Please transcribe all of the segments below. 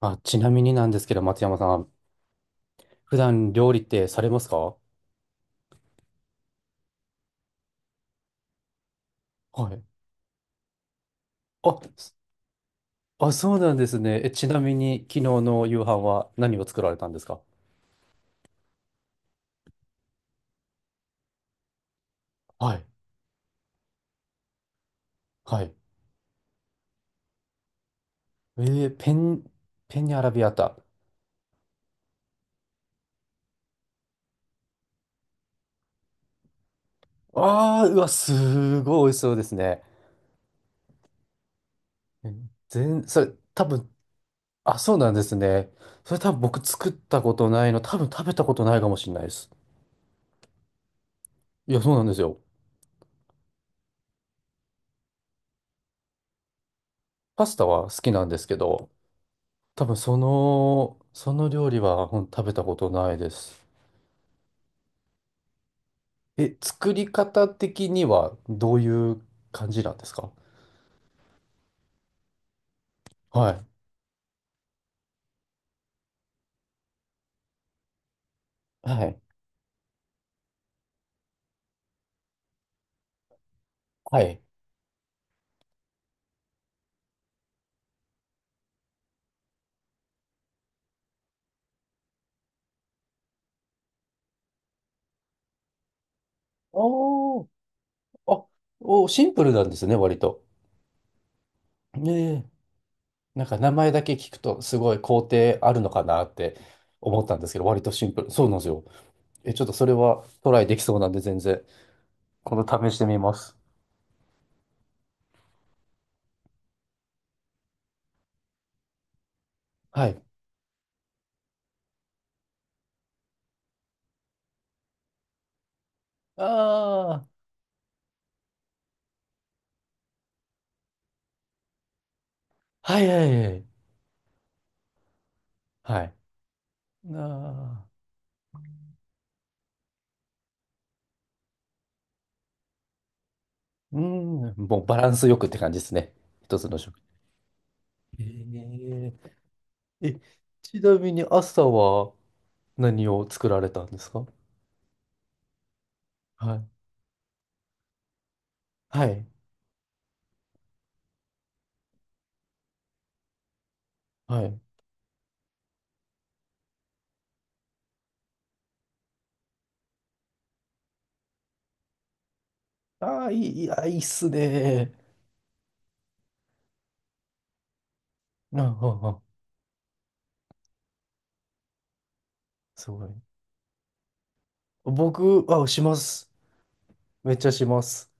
あ、ちなみになんですけど、松山さん、普段料理ってされますか？はい。あ、すあ、そうなんですね。ちなみに、昨日の夕飯は何を作られたんですか？はい。はい。えー、ペン、ペンニアラビアータ。ああ、うわ、すごい美味しそうですね。え全、それ、多分、あ、そうなんですね。それ多分僕作ったことないの、多分食べたことないかもしれないです。いや、そうなんですよ。パスタは好きなんですけど、多分その料理は食べたことないです。作り方的にはどういう感じなんですか？はい。はい。はい。おー、あ、シンプルなんですね、割と。ねえ。なんか名前だけ聞くとすごい工程あるのかなって思ったんですけど、割とシンプル。そうなんですよ。ちょっとそれはトライできそうなんで全然、今度試してみます。はい。ああ、はいはいはい。はい。ああ。うん、もうバランスよくって感じですね。一つの食事。えええ、ちなみに朝は何を作られたんですか？はい。はい。はい。ああ、いいっすね。ああ、すごい。僕、します。めっちゃします。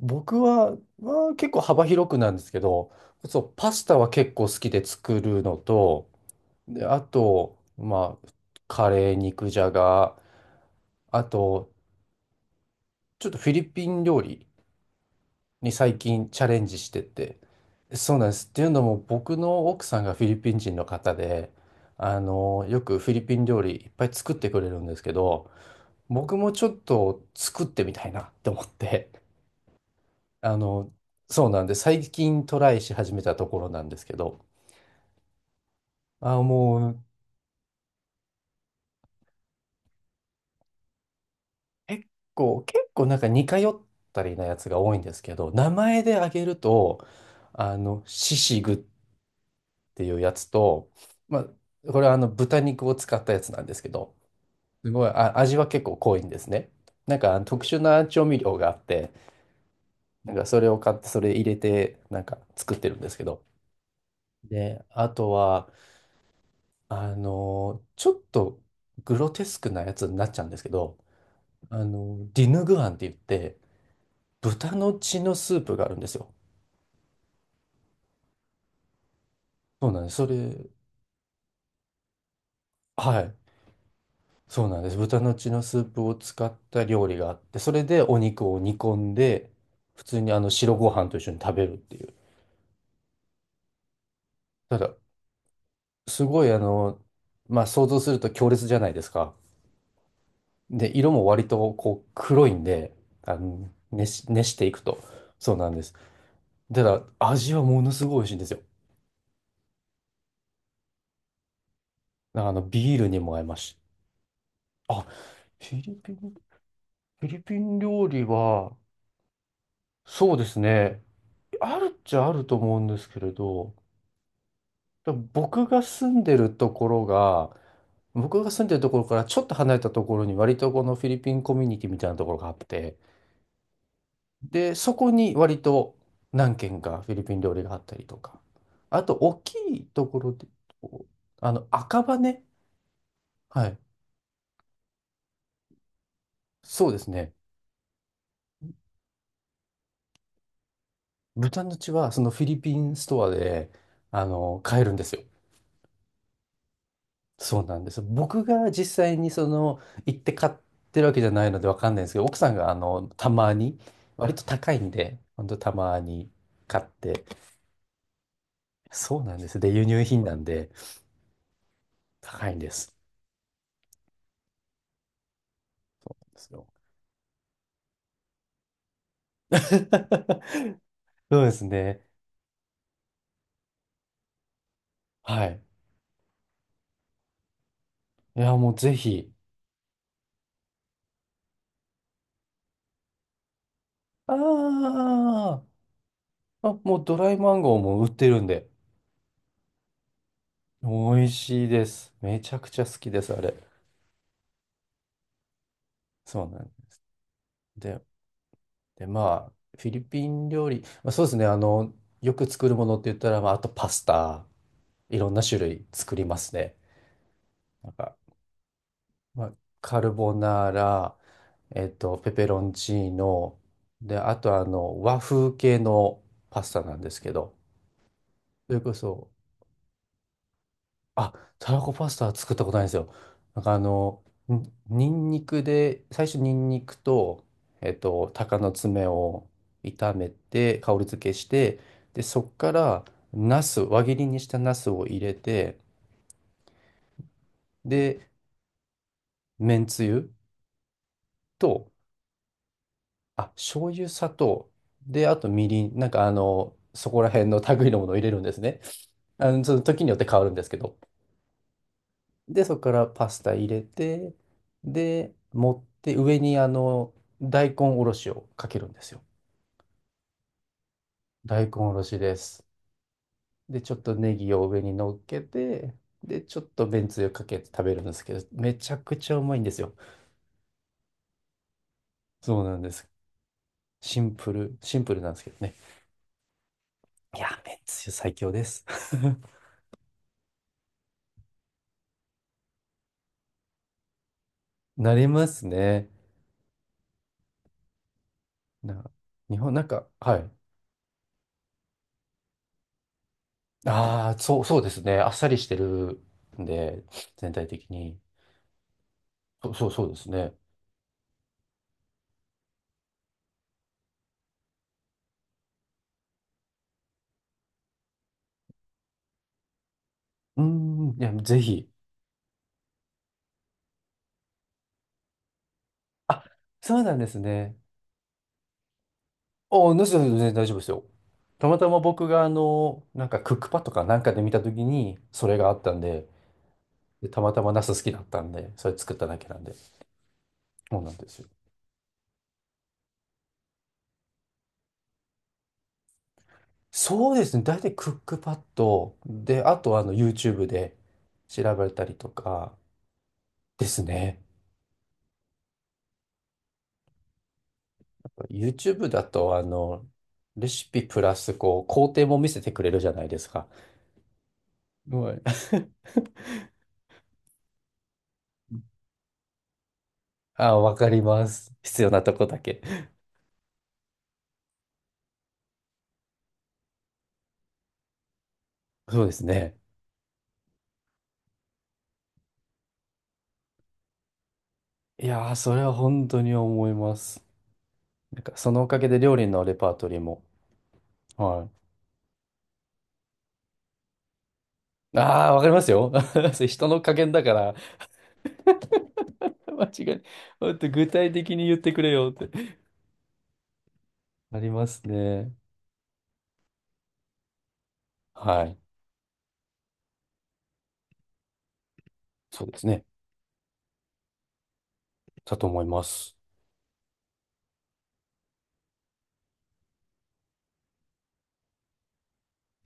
僕は、まあ、結構幅広くなんですけど、そう、パスタは結構好きで作るのと、で、あと、まあ、カレー、肉じゃが、あと、ちょっとフィリピン料理、に最近チャレンジしてて。そうなんです。っていうのも僕の奥さんがフィリピン人の方で、よくフィリピン料理いっぱい作ってくれるんですけど、僕もちょっと作ってみたいなって思って、あの、そうなんで最近トライし始めたところなんですけど、あ、もう結結構なんか似通ったりなやつが多いんですけど、名前で挙げると、シシグっっていうやつと、まあ、これはあの豚肉を使ったやつなんですけど、すごい、あ、味は結構濃いんですね。なんかあの特殊な調味料があって、なんかそれを買って、それ入れて、なんか作ってるんですけど。で、あとは、ちょっとグロテスクなやつになっちゃうんですけど、ディヌグアンって言って、豚の血のスープがあるんですよ。そうなんです。それ、はい。そうなんです。豚の血のスープを使った料理があって、それでお肉を煮込んで、普通にあの白ご飯と一緒に食べるっていう。ただ、すごいあの、まあ想像すると強烈じゃないですか。で、色も割とこう黒いんで、熱していくと。そうなんです。ただ、味はものすごい美味しいんですよ。ビールにも合いますし。あ、フィリピン、フィリピン料理は、そうですね。あるっちゃあると思うんですけれど、でも僕が住んでるところからちょっと離れたところに割とこのフィリピンコミュニティみたいなところがあって、で、そこに割と何軒かフィリピン料理があったりとか、あと大きいところで、こう赤羽、はい、そうですね。豚の血はそのフィリピンストアで、買えるんですよ。そうなんです。僕が実際にその行って買ってるわけじゃないのでわかんないんですけど、奥さんがたまに、割と高いんで、ほんとたまに買って、そうなんです。で、輸入品なんで高いんです。そう そうですね。はい。いや、もうぜひ。あーもうドライマンゴーも売ってるんで、美味しいです。めちゃくちゃ好きです、あれ。そうなんで。で、まあ、フィリピン料理、まあ、そうですね、よく作るものって言ったら、まあ、あとパスタ、いろんな種類作りますね。なんか、まあ、カルボナーラ、ペペロンチーノ、で、あと和風系のパスタなんですけど、それこそ、あ、たらこパスタは作ったことないんですよ。なんかあの、んニンニクで、最初ニンニクと、鷹の爪を炒めて、香り付けして、で、そっから、輪切りにしたナスを入れて、で、めんつゆと、醤油、砂糖、で、あとみりん、そこら辺の類のものを入れるんですね。その時によって変わるんですけど。で、そこからパスタ入れて、で、持って上に大根おろしをかけるんですよ。大根おろしです。で、ちょっとネギを上に乗っけて、で、ちょっとめんつゆかけて食べるんですけど、めちゃくちゃうまいんですよ。そうなんです。シンプル、シンプルなんですけどね。いや、めんつゆ最強です。なりますね。な、日本、はい。ああ、そう、そうですね。あっさりしてるんで、全体的に。そう、そうそうですね。うーん、いや、ぜひ。あ、そうなんですね。お、なしだ全然大丈夫ですよ。たまたま僕がなんかクックパッドかなんかで見たときに、それがあったんで、で、たまたまナス好きだったんで、それ作っただけなんで、そうなんですよ。そうですね。大体クックパッドで、あとYouTube で調べたりとかですね。YouTube だとレシピプラスこう工程も見せてくれるじゃないですか。はい。あ、わかります。必要なとこだけ。そうですね。いやー、それは本当に思います。なんか、そのおかげで料理のレパートリーも。はい。ああ、わかりますよ。それ人の加減だから、間違い、もっと具体的に言ってくれよって。ありますね。はい。そうですね。だと思います。